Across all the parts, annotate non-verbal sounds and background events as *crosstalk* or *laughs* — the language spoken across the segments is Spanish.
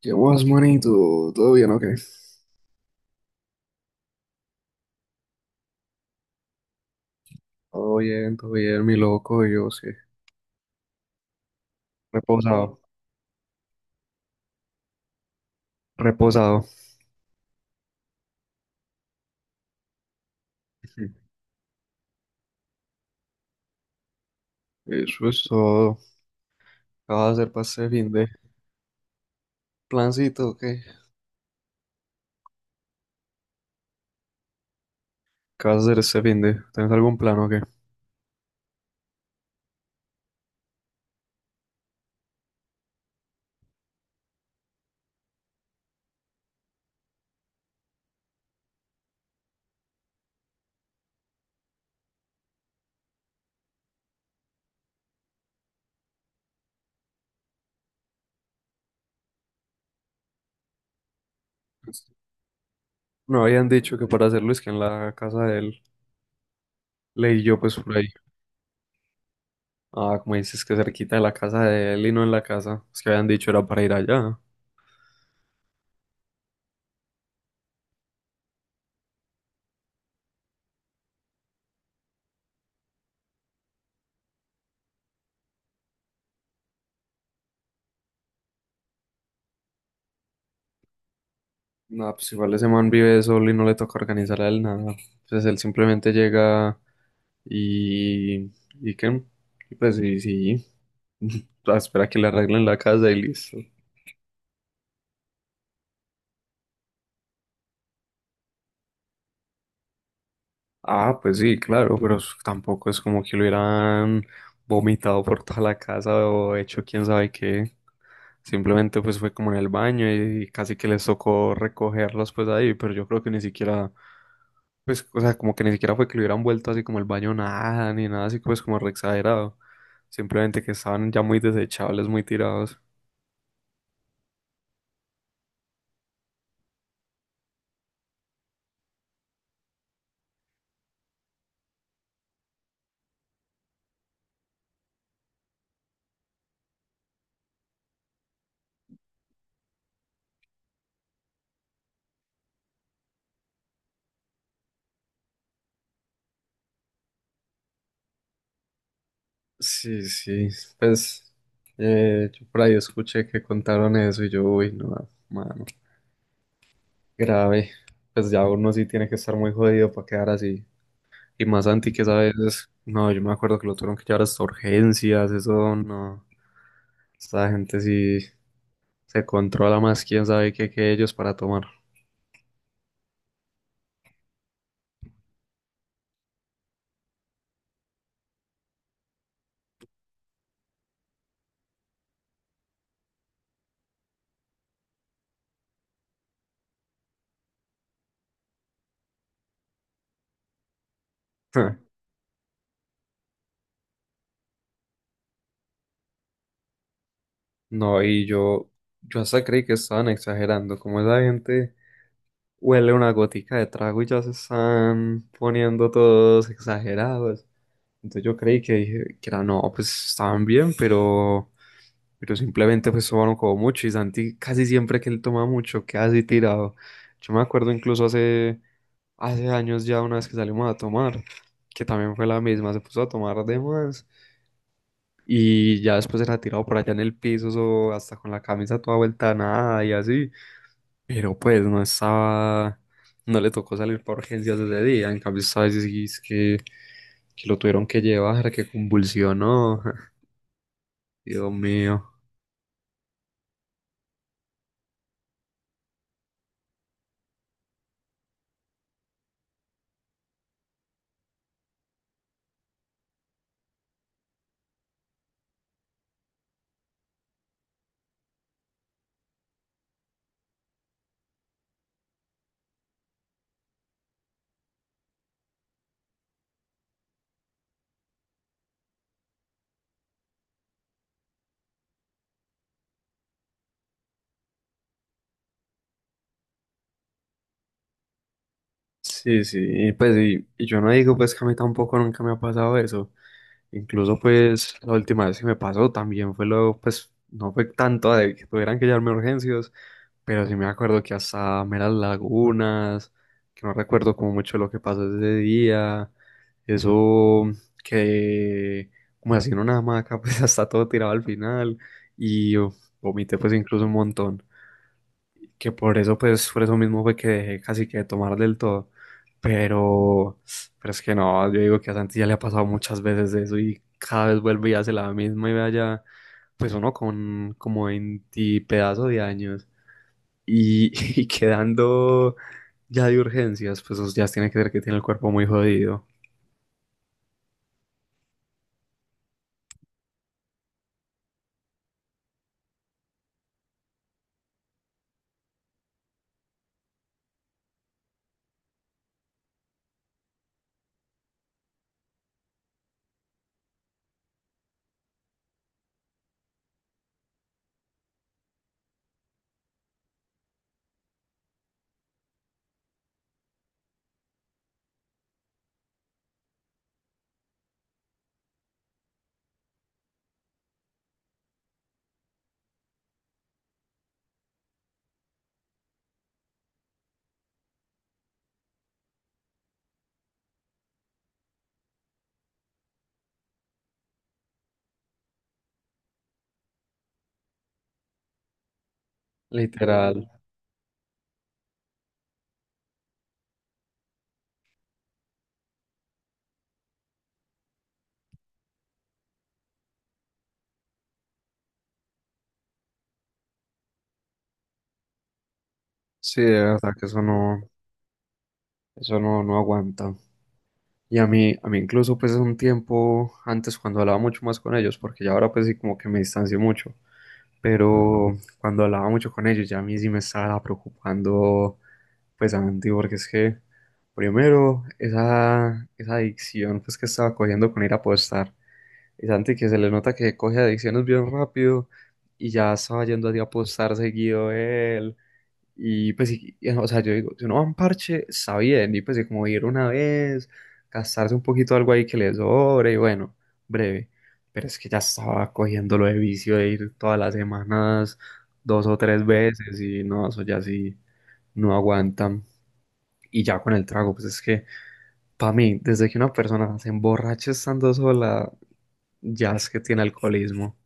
¿Qué más, manito? ¿Todo bien o qué? Todo bien, mi loco, yo sí. Reposado, reposado. *laughs* Eso es todo. ¿Qué vas a hacer para este fin de? ¿Plancito o qué? ¿Qué vas a hacer este fin de? ¿Tienes algún plan o qué? No habían dicho que para hacerlo es que en la casa de él. Leí yo pues por ahí. Ah, como dices que cerquita de la casa de él y no en la casa. Es que habían dicho era para ir allá. No, pues igual ese man vive solo y no le toca organizar a él nada. Entonces él simplemente llega. Y, y qué, y pues sí, sí. *laughs* Ah, espera que le arreglen la casa y listo. Ah, pues sí, claro, pero tampoco es como que lo hubieran vomitado por toda la casa o hecho quién sabe qué. Simplemente pues fue como en el baño y casi que les tocó recogerlos pues ahí, pero yo creo que ni siquiera, pues, o sea, como que ni siquiera fue que lo hubieran vuelto así como el baño nada, ni nada así pues como re exagerado. Simplemente que estaban ya muy desechables, muy tirados. Sí, sí, pues yo por ahí escuché que contaron eso y yo, uy, no, mano, grave. Pues ya uno sí tiene que estar muy jodido para quedar así. Y más anti que esa vez, no, yo me acuerdo que lo tuvieron que llevar hasta urgencias, eso no. Esta gente sí se controla más, quién sabe qué que ellos para tomar. *laughs* No, y yo hasta creí que estaban exagerando, como esa gente huele una gotica de trago y ya se están poniendo todos exagerados. Entonces yo creí que, dije que era, no, pues estaban bien, pero simplemente pues tomaron como mucho y Santi casi siempre que él toma mucho queda así tirado. Yo me acuerdo incluso hace, hace años ya una vez que salimos a tomar, que también fue la misma, se puso a tomar de más y ya después era tirado por allá en el piso o hasta con la camisa toda vuelta a nada y así, pero pues no estaba, no le tocó salir por urgencias ese día, en cambio sabes es que lo tuvieron que llevar, que convulsionó. *laughs* Dios mío. Sí, sí, y pues y yo no digo pues que a mí tampoco nunca me ha pasado eso. Incluso pues la última vez que me pasó también fue lo, pues no fue tanto de que tuvieran que llevarme a urgencias, pero sí me acuerdo que hasta me las lagunas, que no recuerdo como mucho lo que pasó ese día, eso que como así en una hamaca *laughs* pues hasta todo tirado al final y oh, vomité pues incluso un montón, que por eso, pues, por eso mismo fue que dejé casi que de tomar del todo. Pero, pero es que no, yo digo que a Santi ya le ha pasado muchas veces eso y cada vez vuelve y hace la misma y vaya, pues uno con como 20 pedazos de años y, *laughs* y quedando ya de urgencias, pues eso ya tiene que ver que tiene el cuerpo muy jodido. Literal. Sí, de verdad que eso no, no aguanta. Y a mí incluso pues es un tiempo antes cuando hablaba mucho más con ellos, porque ya ahora pues sí como que me distancio mucho, pero cuando hablaba mucho con ellos ya a mí sí me estaba preocupando pues Santi, porque es que primero esa, esa adicción pues que estaba cogiendo con ir a apostar, y Santi que se le nota que coge adicciones bien rápido y ya estaba yendo así a apostar seguido él y pues, y, o sea, yo digo, si uno va a un parche, está bien, y pues, y como ir una vez, gastarse un poquito algo ahí que le sobre, y bueno, breve. Pero es que ya estaba cogiendo lo de vicio de ir todas las semanas, dos o tres veces, y no, eso ya sí no aguantan. Y ya con el trago, pues es que, para mí, desde que una persona se emborracha estando sola, ya es que tiene alcoholismo.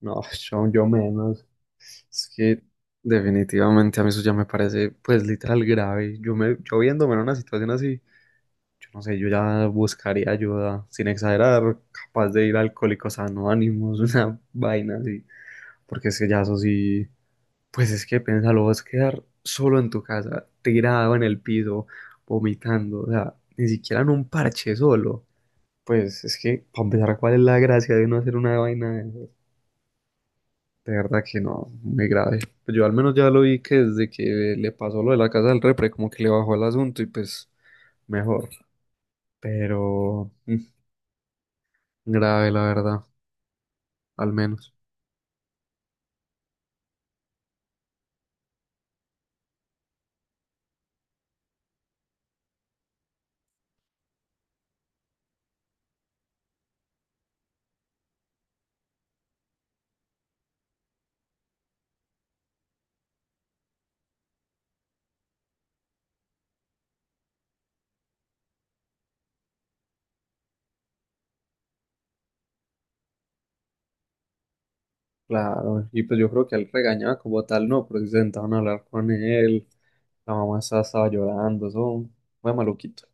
No, *laughs* yo menos. Es que definitivamente a mí eso ya me parece, pues, literal grave. Yo me, yo viéndome en una situación así, yo no sé, yo ya buscaría ayuda, sin exagerar, capaz de ir a Alcohólicos Anónimos, *laughs* una vaina así. Porque es que ya eso sí, pues es que piénsalo, vas a quedar solo en tu casa, tirado en el piso, vomitando, o sea, ni siquiera en un parche solo. Pues es que, para empezar, ¿cuál es la gracia de no hacer una vaina? De verdad que no, muy grave. Pues yo al menos ya lo vi que desde que le pasó lo de la casa del repre, como que le bajó el asunto y pues mejor. Pero mm, grave, la verdad, al menos. Claro, y pues yo creo que él regañaba como tal, no, pero sí se sentaban a hablar con él. La mamá estaba, estaba llorando, eso fue maluquito.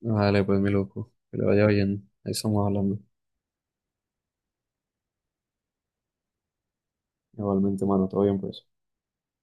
Dale pues mi loco, que le vaya bien. Ahí estamos hablando. Igualmente, mano, todo bien, pues.